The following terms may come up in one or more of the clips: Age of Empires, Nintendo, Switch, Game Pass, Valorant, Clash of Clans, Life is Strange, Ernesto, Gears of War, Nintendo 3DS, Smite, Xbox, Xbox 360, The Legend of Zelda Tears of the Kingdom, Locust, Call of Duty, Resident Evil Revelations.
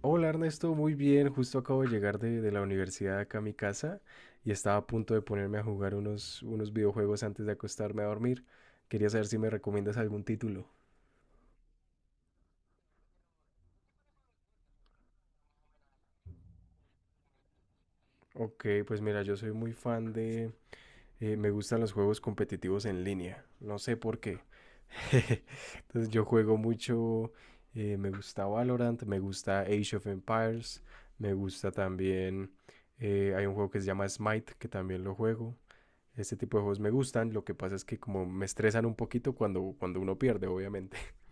Hola Ernesto, muy bien. Justo acabo de llegar de la universidad acá a mi casa y estaba a punto de ponerme a jugar unos videojuegos antes de acostarme a dormir. Quería saber si me recomiendas algún título. Ok, pues mira, yo soy muy fan me gustan los juegos competitivos en línea. No sé por qué. Entonces yo juego mucho. Me gusta Valorant, me gusta Age of Empires, me gusta también. Hay un juego que se llama Smite, que también lo juego. Este tipo de juegos me gustan, lo que pasa es que como me estresan un poquito cuando uno pierde, obviamente.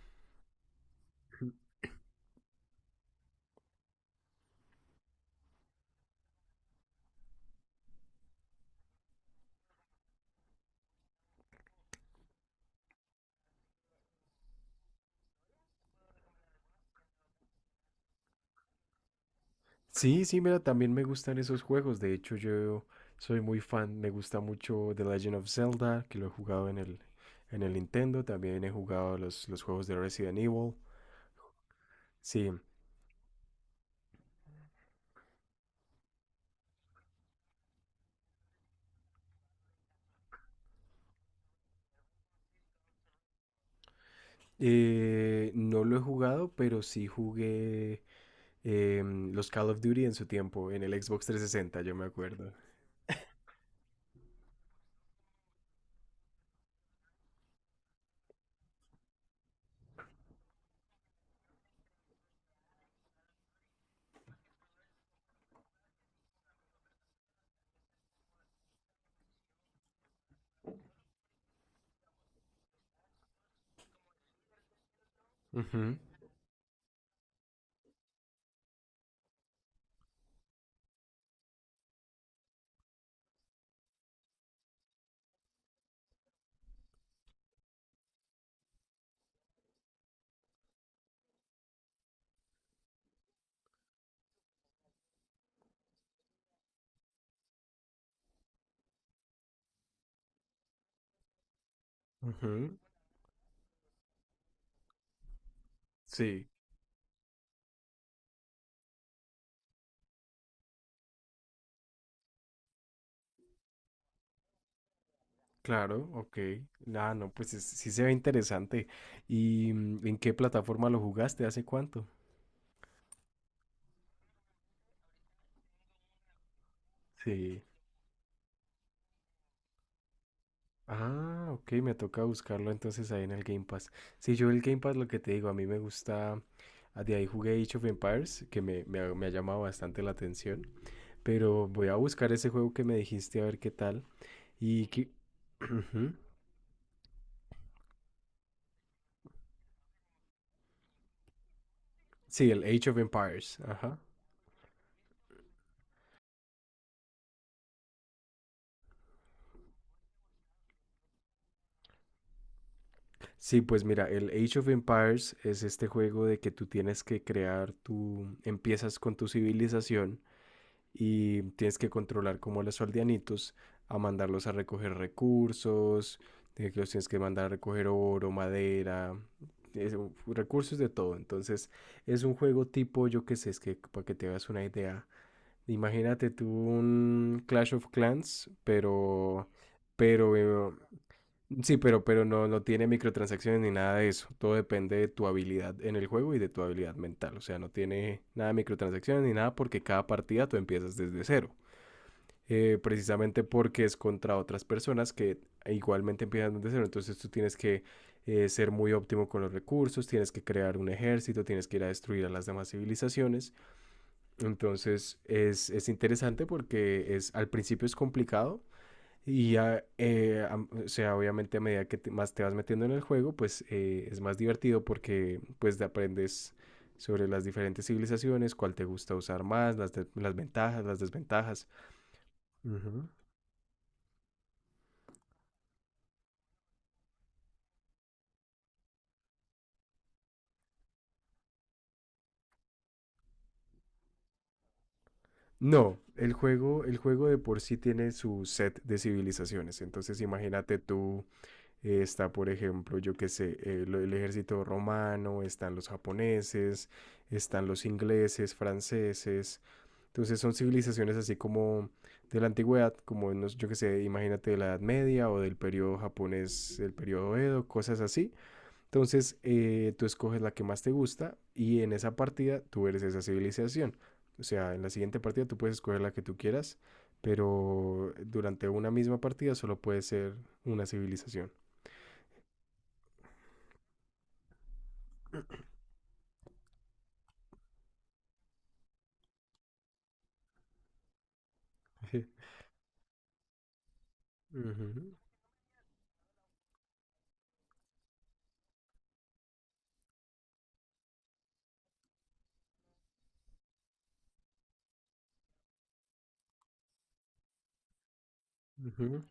Sí, sí, mira, también me gustan esos juegos. De hecho, yo soy muy fan, me gusta mucho The Legend of Zelda, que lo he jugado en el Nintendo. También he jugado los juegos de Resident Evil. Sí, no lo he jugado, pero sí jugué los Call of Duty en su tiempo, en el Xbox 360, yo me acuerdo. Ujú, ujú, sí. Claro, ok. Ah, no, pues sí se ve interesante. ¿Y en qué plataforma lo jugaste? ¿Hace cuánto? Sí. Ah, ok, me toca buscarlo entonces ahí en el Game Pass. Sí, yo el Game Pass lo que te digo, a mí me gusta, ah, de ahí jugué Age of Empires, que me ha llamado bastante la atención, pero voy a buscar ese juego que me dijiste a ver qué tal. Y que... Ujú. Sí, el Age of Empires, ajá. Sí, pues mira, el Age of Empires es este juego de que tú tienes que crear empiezas con tu civilización y tienes que controlar como a los aldeanitos, a mandarlos a recoger recursos, que los tienes que mandar a recoger oro, madera, es- recursos de todo. Entonces, es un juego tipo, yo qué sé, es que para que te hagas una idea, imagínate tú un Clash of Clans, pero eh, sí, pero no tiene microtransacciones ni nada de eso. Todo depende de tu habilidad en el juego y de tu habilidad mental. O sea, no tiene nada de microtransacciones ni nada porque cada partida tú empiezas desde cero. Precisamente porque es contra otras personas que igualmente empiezan desde cero. Entonces tú tienes que ser muy óptimo con los recursos, tienes que crear un ejército, tienes que ir a destruir a las demás civilizaciones. Entonces es interesante porque al principio es complicado y ya, o sea, obviamente a medida que más te vas metiendo en el juego, pues es más divertido porque pues te aprendes sobre las diferentes civilizaciones, cuál te gusta usar más, las ventajas, las desventajas. Ujú. No, el juego de por sí tiene su set de civilizaciones. Entonces, imagínate tú, está, por ejemplo, yo qué sé, el ejército romano, están los japoneses, están los ingleses, franceses. Entonces son civilizaciones así como de la antigüedad, como en yo que sé, imagínate de la Edad Media o del periodo japonés, el periodo Edo, cosas así. Entonces tú escoges la que más te gusta y en esa partida tú eres esa civilización. O sea, en la siguiente partida tú puedes escoger la que tú quieras, pero durante una misma partida solo puede ser una civilización. Ujú, ujú.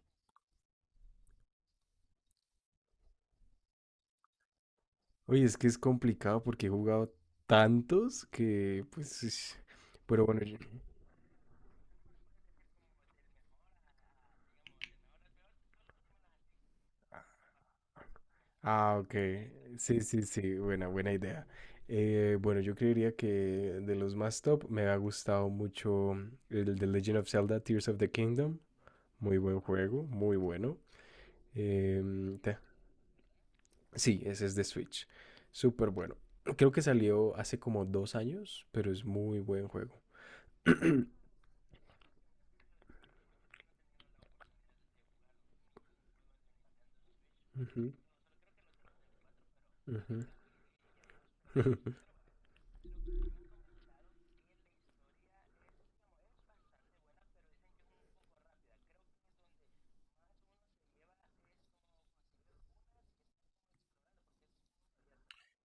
Oye, es que es complicado porque he jugado tantos que, pues, pero bueno, Ah, ok. Sí, sí, sí. Buena, buena idea. Bueno, yo creería que de los más top me ha gustado mucho el The Legend of Zelda Tears of the Kingdom. Muy buen juego, muy bueno. Em, te- sí, ese es de Switch. Súper bueno. Creo que salió hace como 2 años, pero es muy buen juego. Ujú, ujú.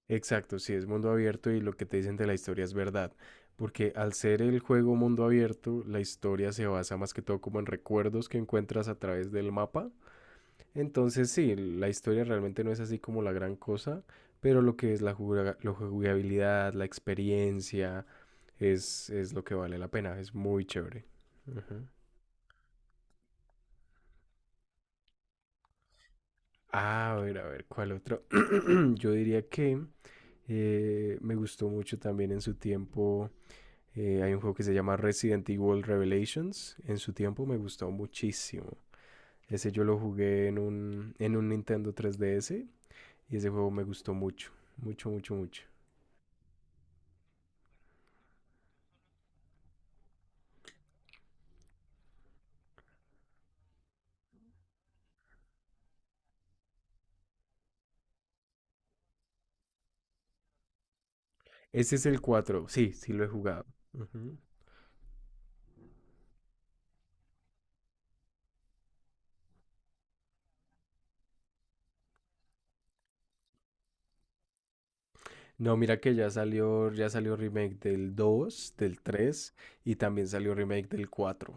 Exacto, sí, es mundo abierto y lo que te dicen de la historia es verdad, porque al ser el juego mundo abierto, la historia se basa más que todo como en recuerdos que encuentras a través del mapa. Entonces sí, la historia realmente no es así como la gran cosa, pero lo que es la jugabilidad, la experiencia, es lo que vale la pena, es muy chévere. Ujú. A ver, ¿cuál otro? Yo diría que me gustó mucho también en su tiempo. Hay un juego que se llama Resident Evil Revelations. En su tiempo me gustó muchísimo. Ese yo lo jugué en un Nintendo 3DS y ese juego me gustó mucho, mucho, mucho, mucho. Ese es el 4. Sí, sí lo he jugado. Ujú. No, mira que ya salió remake del 2, del 3 y también salió remake del 4.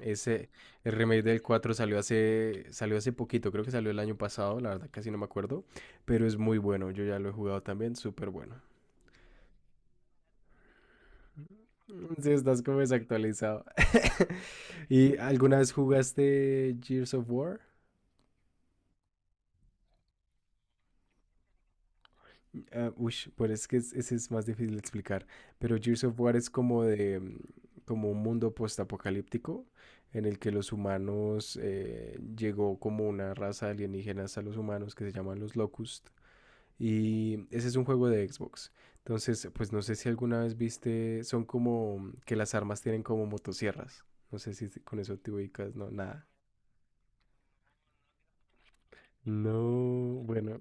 Ese, el remake del 4 salió hace poquito, creo que salió el año pasado, la verdad casi no me acuerdo, pero es muy bueno, yo ya lo he jugado también, súper bueno. Sí, estás como desactualizado. ¿Y alguna vez jugaste Gears of War? Ah, ush, pero es que ese es más difícil de explicar. Pero Gears of War es como de como un mundo postapocalíptico en el que los humanos llegó como una raza alienígena hasta los humanos que se llaman los Locust. Y ese es un juego de Xbox. Entonces, pues no sé si alguna vez viste, son como que las armas tienen como motosierras. No sé si con eso te ubicas, no, nada. No, bueno.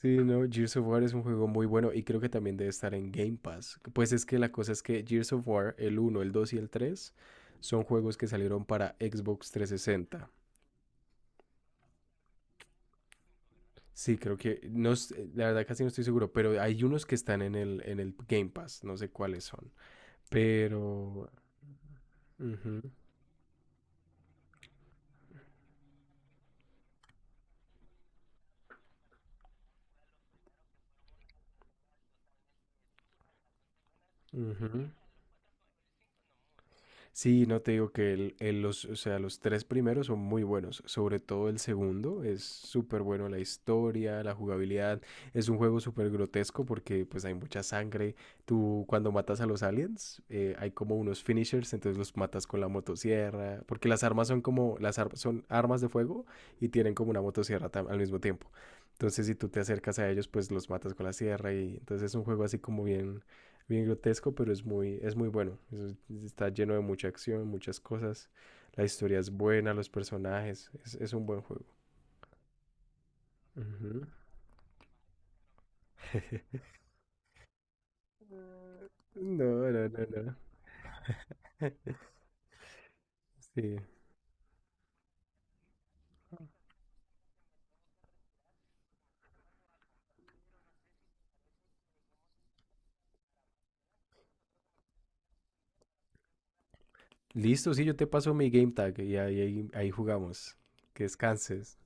Sí, no, Gears of War es un juego muy bueno y creo que también debe estar en Game Pass. Pues es que la cosa es que Gears of War, el uno, el 2 y el 3, son juegos que salieron para Xbox 360. Sí, creo que, no, la verdad casi no estoy seguro, pero hay unos que están en el Game Pass, no sé cuáles son. Pero... ujú, ujú. Sí, no te digo que o sea, los tres primeros son muy buenos, sobre todo el segundo es súper bueno, la historia, la jugabilidad, es un juego súper grotesco porque pues hay mucha sangre, tú cuando matas a los aliens hay como unos finishers, entonces los matas con la motosierra, porque las armas son como, son armas de fuego y tienen como una motosierra al mismo tiempo, entonces si tú te acercas a ellos pues los matas con la sierra y entonces es un juego así como bien bien grotesco, pero es muy bueno. Está lleno de mucha acción, muchas cosas. La historia es buena, los personajes. Es un buen juego. Ujú. No, no, no, no. Sí. Listo, sí, yo te paso mi game tag y ahí, ahí, ahí jugamos. Que descanses.